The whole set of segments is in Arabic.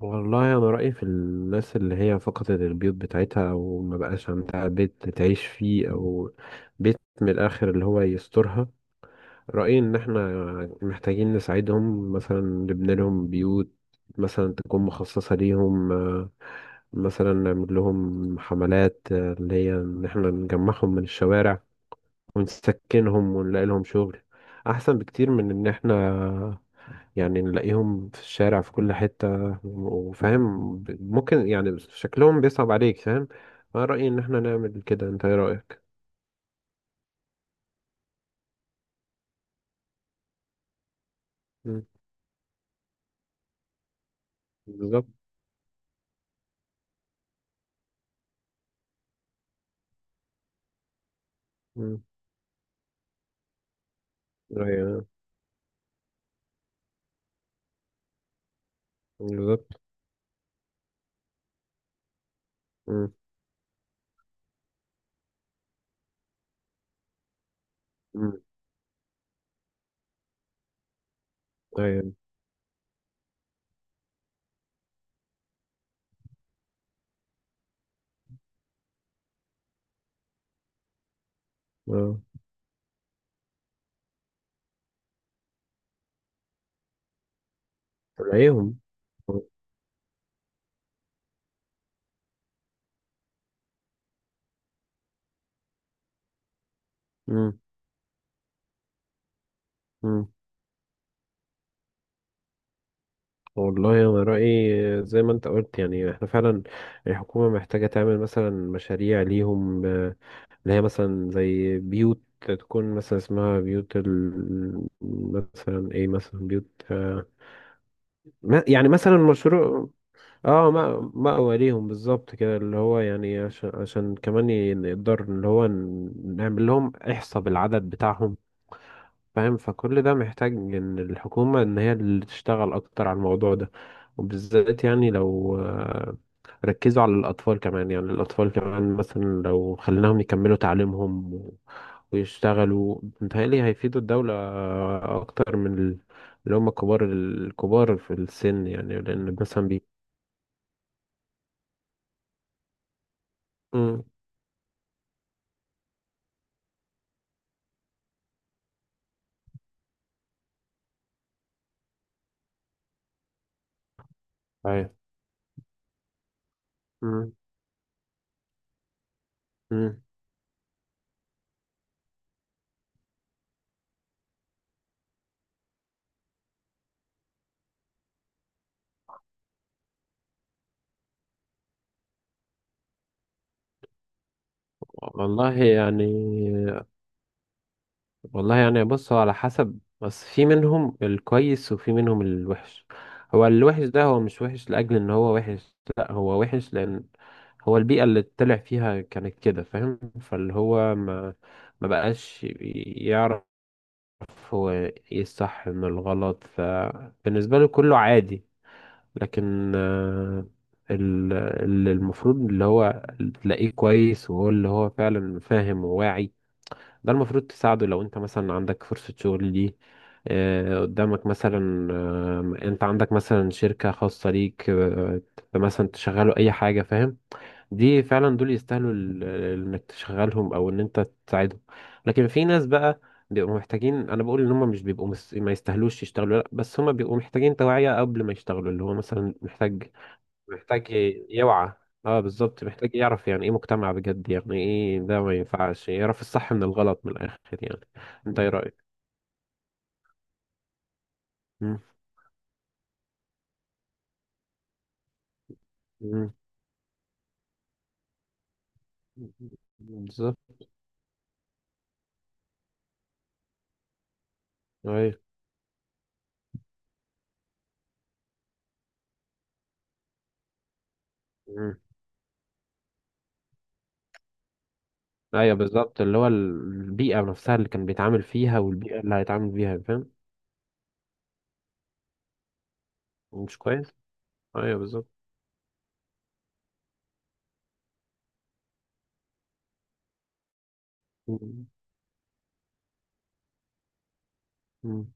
والله انا رايي في الناس اللي هي فقدت البيوت بتاعتها او ما بقاش عندها بيت تعيش فيه او بيت من الاخر اللي هو يسترها. رايي ان احنا محتاجين نساعدهم، مثلا نبني لهم بيوت مثلا تكون مخصصه ليهم، مثلا نعمل لهم حملات، اللي هي ان احنا نجمعهم من الشوارع ونسكنهم ونلاقي لهم شغل، احسن بكتير من ان احنا يعني نلاقيهم في الشارع في كل حتة، وفاهم ممكن يعني شكلهم بيصعب عليك، فاهم. أنا رأيي إن احنا نعمل كده، أنت إيه رأيك؟ مم. بالظبط. مم. أيوه، بالظبط. مم. مم. أيوه. أه. تلاقيهم. مم. مم. والله أنا رأيي زي ما أنت قلت، يعني احنا فعلا الحكومة محتاجة تعمل مثلا مشاريع ليهم، اللي هي مثلا زي بيوت تكون مثلا اسمها بيوت مثلا ايه، مثلا بيوت، يعني مثلا مشروع. اه، ما مأوى ليهم بالظبط كده، اللي هو يعني عشان كمان نقدر اللي هو نعمل لهم احصاء بالعدد بتاعهم، فاهم؟ فكل ده محتاج ان الحكومة ان هي اللي تشتغل اكتر على الموضوع ده، وبالذات يعني لو ركزوا على الاطفال كمان. يعني الاطفال كمان مثلا لو خليناهم يكملوا تعليمهم ويشتغلوا، متهيألي هيفيدوا الدولة اكتر من اللي هم كبار الكبار في السن، يعني لان مثلا مم. أيوة. مم. مم. والله يعني والله يعني بص، هو على حسب، بس في منهم الكويس وفي منهم الوحش. هو الوحش ده هو مش وحش لأجل إن هو وحش، لأ، هو وحش لأن هو البيئة اللي طلع فيها كانت كده، فاهم؟ فاللي هو ما بقاش يعرف هو ايه الصح من الغلط، فبالنسبة له كله عادي. لكن اللي المفروض اللي هو تلاقيه كويس وهو اللي هو فعلا فاهم وواعي، ده المفروض تساعده. لو انت مثلا عندك فرصة شغل دي، قدامك، مثلا انت عندك مثلا شركة خاصة ليك، مثلا تشغله اي حاجة، فاهم؟ دي فعلا دول يستاهلوا انك تشغلهم او ان انت تساعدهم. لكن في ناس بقى بيبقوا محتاجين، انا بقول ان هم مش بيبقوا ما يستاهلوش يشتغلوا، لا، بس هم بيبقوا محتاجين توعية قبل ما يشتغلوا، اللي هو مثلا محتاج، محتاج يوعى. اه بالظبط، محتاج يعرف يعني ايه مجتمع بجد، يعني ايه ده، ما ينفعش يعرف الصح من الغلط، من الاخر يعني. انت ايه رأيك؟ مم. مم. بالظبط. ايوه. مم. ايوه بالظبط، اللي هو البيئة نفسها اللي كان بيتعامل فيها والبيئة اللي هيتعامل فيها، فاهم. مش كويس. ايوه بالظبط. مم. مم.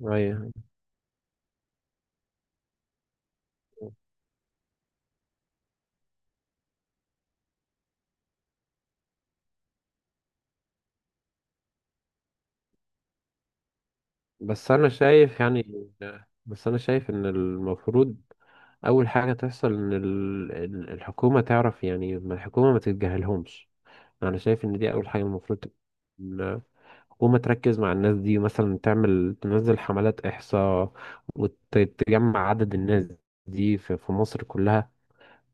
ايوه. بس انا شايف يعني بس انا شايف ان المفروض اول حاجه تحصل ان الحكومه تعرف، يعني ما الحكومه ما تتجاهلهمش. انا شايف ان دي اول حاجه المفروض، ال- الحكومه تركز مع الناس دي، مثلا تعمل، تنزل حملات احصاء وتجمع عدد الناس دي في مصر كلها،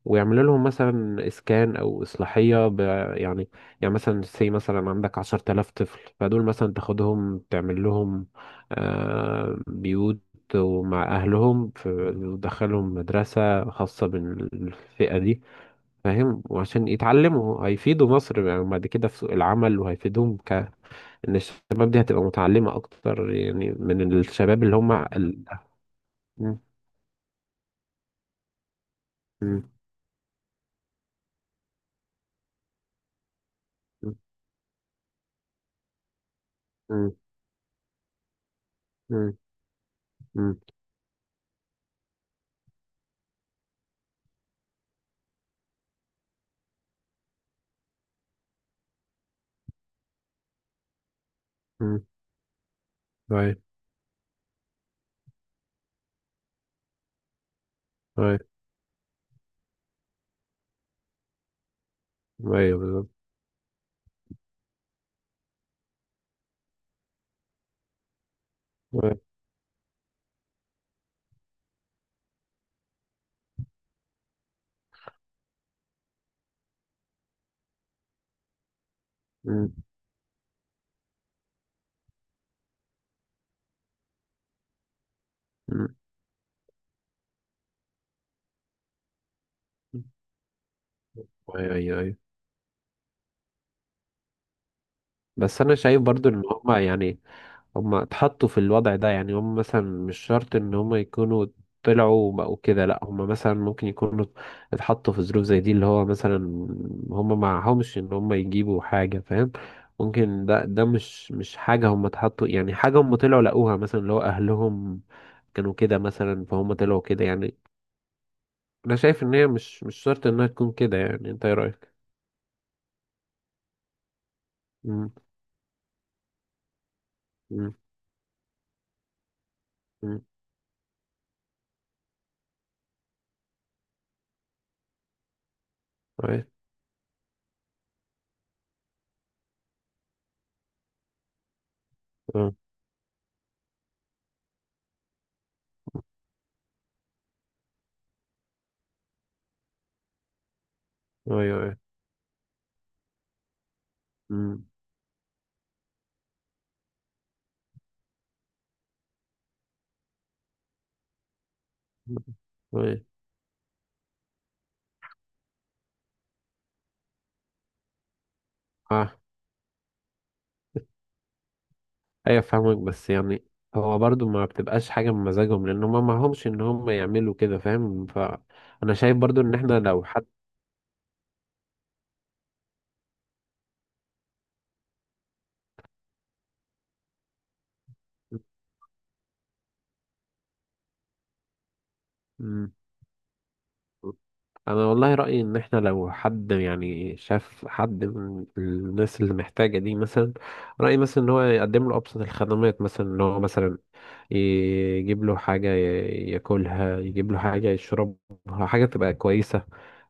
ويعملوا لهم مثلا اسكان او اصلاحيه يعني، يعني مثلا سي مثلا عندك 10,000 طفل، فدول مثلا تاخدهم تعمل لهم بيوت ومع اهلهم، وتدخلهم مدرسه خاصه بالفئه دي، فاهم؟ وعشان يتعلموا هيفيدوا مصر يعني بعد كده في سوق العمل، وهيفيدهم ان الشباب دي هتبقى متعلمه اكتر يعني من الشباب اللي هم م- م- م- م- م- م- م- أيوة. ايوه بالظبط. أيوة. مم. مم. ايوه، ايوه، ايوه. بس انا شايف برضو ان هما يعني هما اتحطوا في الوضع ده، يعني هما مثلا مش شرط ان هما يكونوا طلعوا وبقوا كده، لا، هما مثلا ممكن يكونوا اتحطوا في ظروف زي دي، اللي هو مثلا هما معهمش ان هما يجيبوا حاجة، فاهم؟ ممكن ده مش حاجة هما اتحطوا، يعني حاجة هما طلعوا لقوها، مثلا اللي هو اهلهم كانوا كده مثلا فهم طلعوا كده يعني. انا شايف ان هي مش شرط انها تكون كده، يعني انت ايه رأيك؟ مم. مم. أيوة. أه. أيوة أيوة. مم. أيوة. آه. أيوة فاهمك، بس يعني هو برضو ما بتبقاش حاجة من مزاجهم، لأن هما معهمش إن هما يعملوا كده، فاهم؟ فأنا شايف برضو إن إحنا لو حد مم. انا والله رايي ان احنا لو حد يعني شاف حد من الناس اللي محتاجه دي، مثلا رايي مثلا ان هو يقدم له ابسط الخدمات، مثلا ان هو مثلا يجيب له حاجه ياكلها، يجيب له حاجه يشربها، حاجه تبقى كويسه،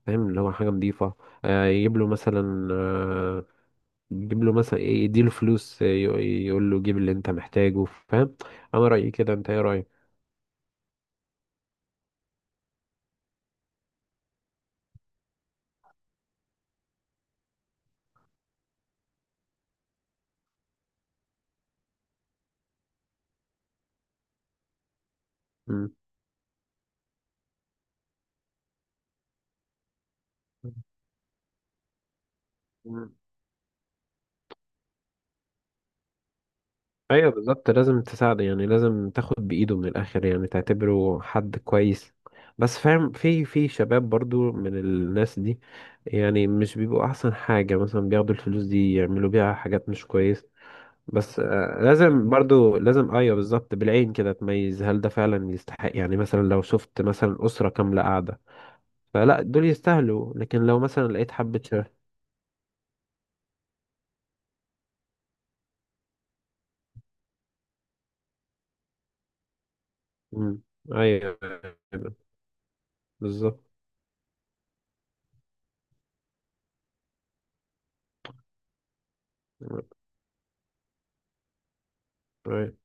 فاهم؟ اللي هو حاجه نظيفه، يجيب له مثلا، يجيب له مثلا يديله فلوس، يقول له جيب اللي انت محتاجه، فاهم؟ انا رايي كده، انت ايه رايك؟ مم. ايوه بالظبط، لازم تساعده، يعني لازم تاخد بايده من الاخر، يعني تعتبره حد كويس. بس فاهم، في شباب برضو من الناس دي يعني مش بيبقوا احسن حاجة، مثلا بياخدوا الفلوس دي يعملوا بيها حاجات مش كويس. بس لازم برضو، ايوه بالظبط، بالعين كده تميز هل ده فعلا يستحق، يعني مثلا لو شفت مثلا اسرة كاملة قاعدة فلا دول يستاهلوا، لكن لو مثلا لقيت حبة شباب مم. ايوه بالظبط. أيوة.